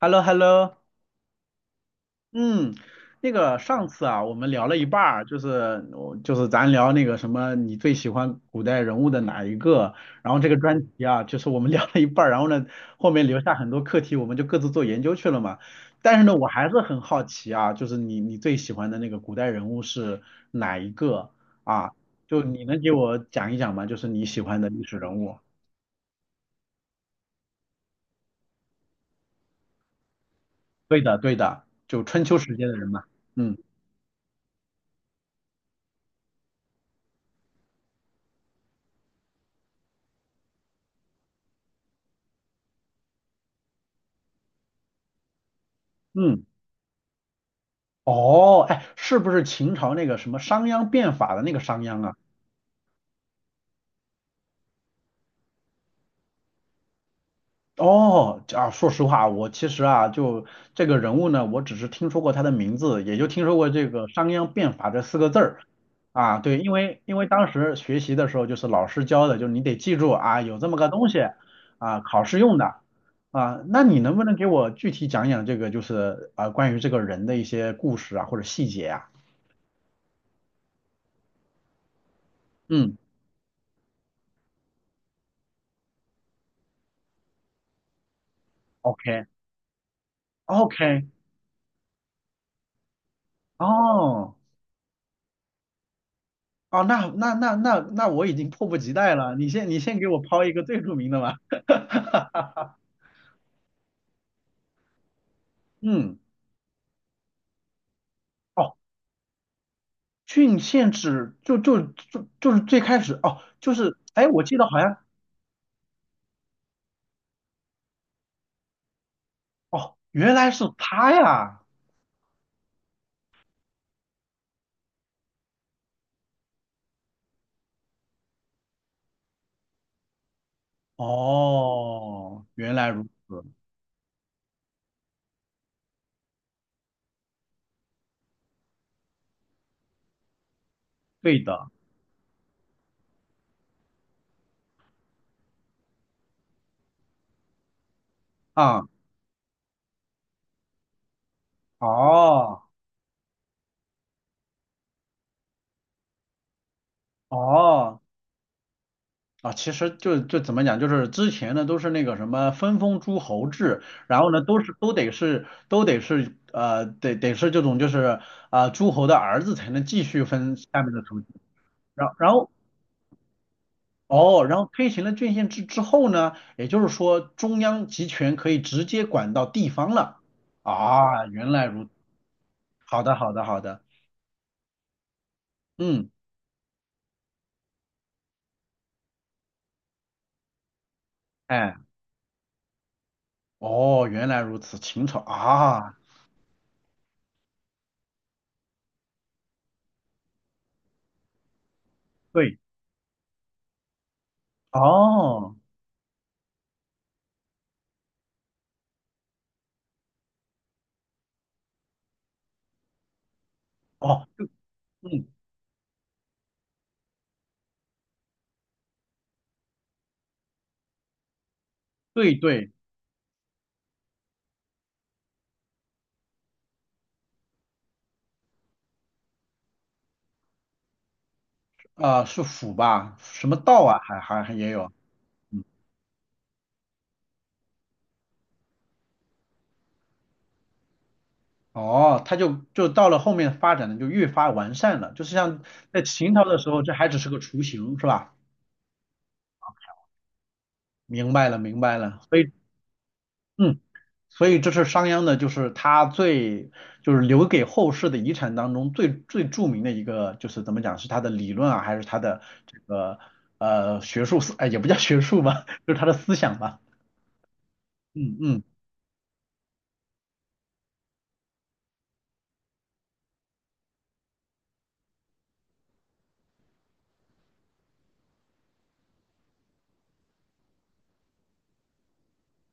h e l l o h e l l o 嗯，那个上次啊，我们聊了一半儿，就是我就是咱聊那个什么，你最喜欢古代人物的哪一个？然后这个专题啊，就是我们聊了一半儿，然后呢，后面留下很多课题，我们就各自做研究去了嘛。但是呢，我还是很好奇啊，就是你最喜欢的那个古代人物是哪一个啊？就你能给我讲一讲吗？就是你喜欢的历史人物。对的，对的，就春秋时间的人嘛。嗯嗯。哦，哎，是不是秦朝那个什么商鞅变法的那个商鞅啊？哦，啊，说实话，我其实啊，就这个人物呢，我只是听说过他的名字，也就听说过这个商鞅变法这四个字儿啊。对，因为当时学习的时候，就是老师教的，就是你得记住啊，有这么个东西啊，考试用的啊。那你能不能给我具体讲讲这个，就是啊，关于这个人的一些故事啊，或者细节啊？嗯OK，OK，哦。哦，那我已经迫不及待了。你先给我抛一个最著名的吧。嗯，哦，郡县制就是最开始哦，就是哎，我记得好像哦，原来是他呀。哦，原来如此，对的啊，哦哦，啊，其实就就怎么讲，就是之前呢都是那个什么分封诸侯制，然后呢都得是呃得是这种就是啊、诸侯的儿子才能继续分下面的土地，然后哦，然后推行了郡县制之后呢，也就是说中央集权可以直接管到地方了啊，原来如好的好的好的，嗯，哎，哦，原来如此，秦朝啊，对，哦哦，就嗯，对对。啊、是府吧？什么道啊，还也有。哦，它就到了后面发展的就越发完善了，就是像在秦朝的时候，这还只是个雏形，是吧？明白了，明白了。所以，嗯，所以这是商鞅的，就是他最就是留给后世的遗产当中最最著名的一个，就是怎么讲，是他的理论啊，还是他的这个呃学术思，哎，也不叫学术吧，就是他的思想吧。嗯嗯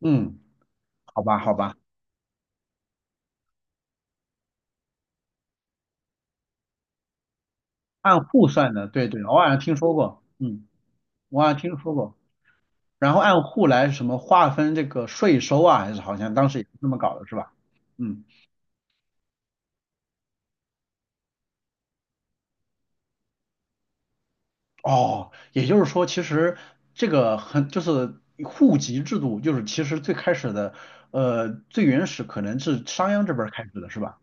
嗯，好吧好吧。按户算的，对对，我好像听说过，嗯，我好像听说过。然后按户来什么划分这个税收啊，还是好像当时也是这么搞的，是吧？嗯，哦，也就是说，其实这个很就是户籍制度，就是其实最开始的，呃，最原始可能是商鞅这边儿开始的，是吧？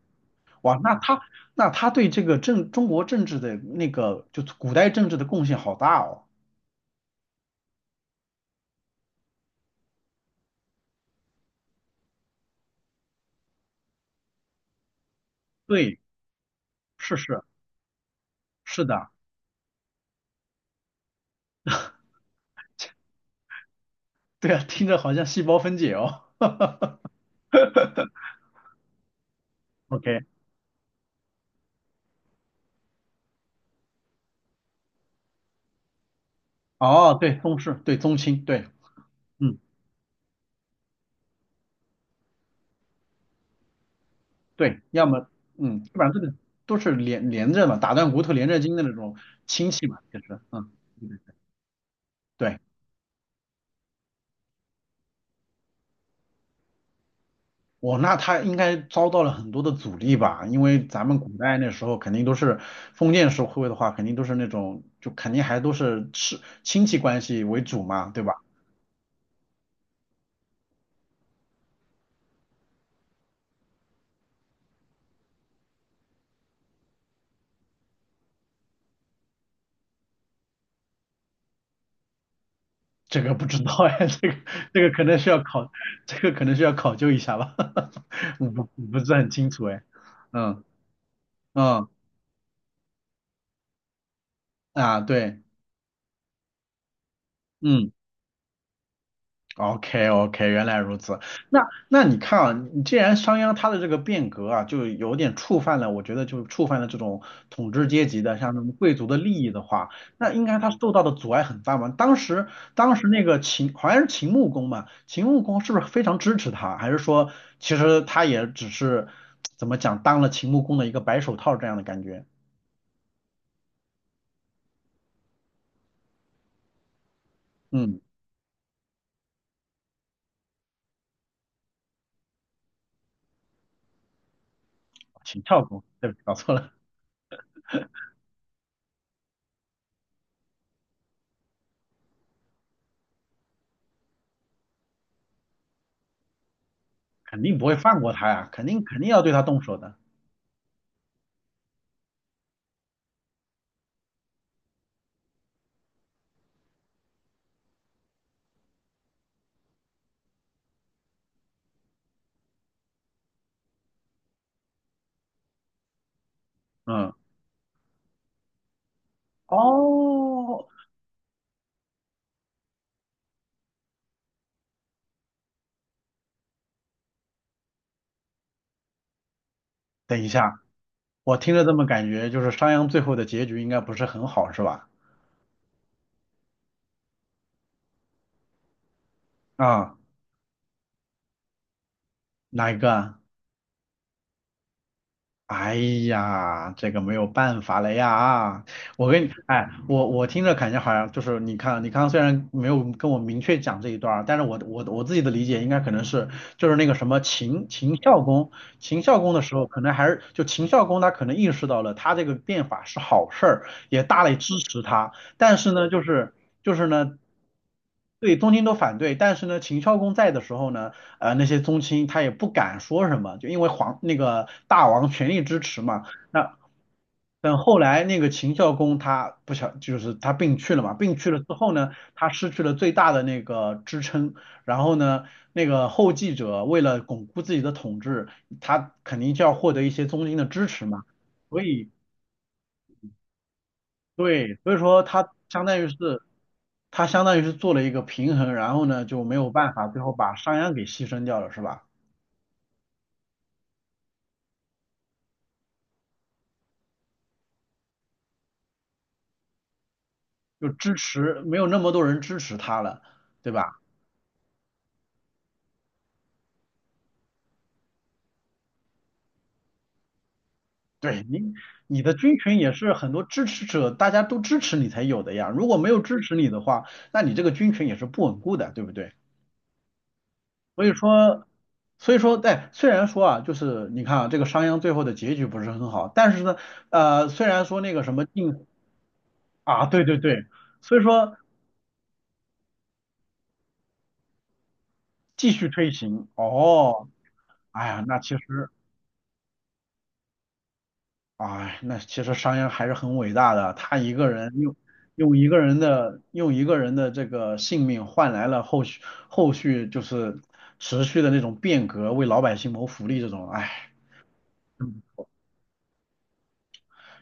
哇，那他那他对这个政中国政治的那个就是古代政治的贡献好大哦。对，是是是的，对啊，听着好像细胞分解哦。OK。哦，对，宗室，对，宗亲，对，嗯，对，要么，嗯，基本上这个都是连着嘛，打断骨头连着筋的那种亲戚嘛，其实，嗯，对，我那他应该遭到了很多的阻力吧，因为咱们古代那时候肯定都是封建社会的话，肯定都是那种就肯定还都是是亲戚关系为主嘛，对吧？这个不知道哎，这个这个可能需要考，这个可能需要考究一下吧，我不是很清楚哎，嗯嗯啊，对。嗯，OK OK,原来如此。那那你看啊，你既然商鞅他的这个变革啊，就有点触犯了，我觉得就触犯了这种统治阶级的，像什么贵族的利益的话，那应该他受到的阻碍很大嘛。当时那个秦好像是秦穆公嘛，秦穆公是不是非常支持他，还是说其实他也只是怎么讲当了秦穆公的一个白手套这样的感觉？嗯，秦孝公，对不起搞错了，肯定不会放过他呀，肯定要对他动手的。嗯。哦，等一下，我听着这么感觉，就是商鞅最后的结局应该不是很好，是吧？啊，哪一个啊？哎呀，这个没有办法了呀！我跟你，哎，我听着感觉好像就是你看，你刚刚虽然没有跟我明确讲这一段儿，但是我自己的理解应该可能是就是那个什么秦孝公，秦孝公的时候，可能还是就秦孝公他可能意识到了他这个变法是好事儿，也大力支持他，但是呢，就是就是呢。对，东晋都反对，但是呢，秦孝公在的时候呢，呃，那些宗亲他也不敢说什么，就因为皇那个大王全力支持嘛。那等后来那个秦孝公他不想，就是他病去了嘛，病去了之后呢，他失去了最大的那个支撑，然后呢，那个后继者为了巩固自己的统治，他肯定就要获得一些宗亲的支持嘛，所以对，所以说他相当于是。他相当于是做了一个平衡，然后呢就没有办法，最后把商鞅给牺牲掉了，是吧？就支持，没有那么多人支持他了，对吧？对你，你的军群也是很多支持者，大家都支持你才有的呀。如果没有支持你的话，那你这个军群也是不稳固的，对不对？所以说，所以说，在虽然说啊，就是你看啊，这个商鞅最后的结局不是很好，但是呢，呃，虽然说那个什么晋啊，对对对，所以说继续推行，哦，哎呀，那其实。哎，那其实商鞅还是很伟大的，他一个人用用一个人的这个性命换来了后续就是持续的那种变革，为老百姓谋福利这种，哎，嗯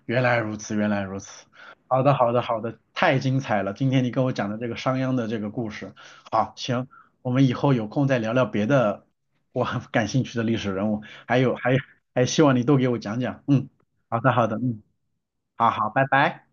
原来如此，原来如此。好的，好的，好的，太精彩了！今天你跟我讲的这个商鞅的这个故事，好，行，我们以后有空再聊聊别的我很感兴趣的历史人物，还有还还希望你多给我讲讲，嗯，好的，好的，嗯，好好，拜拜。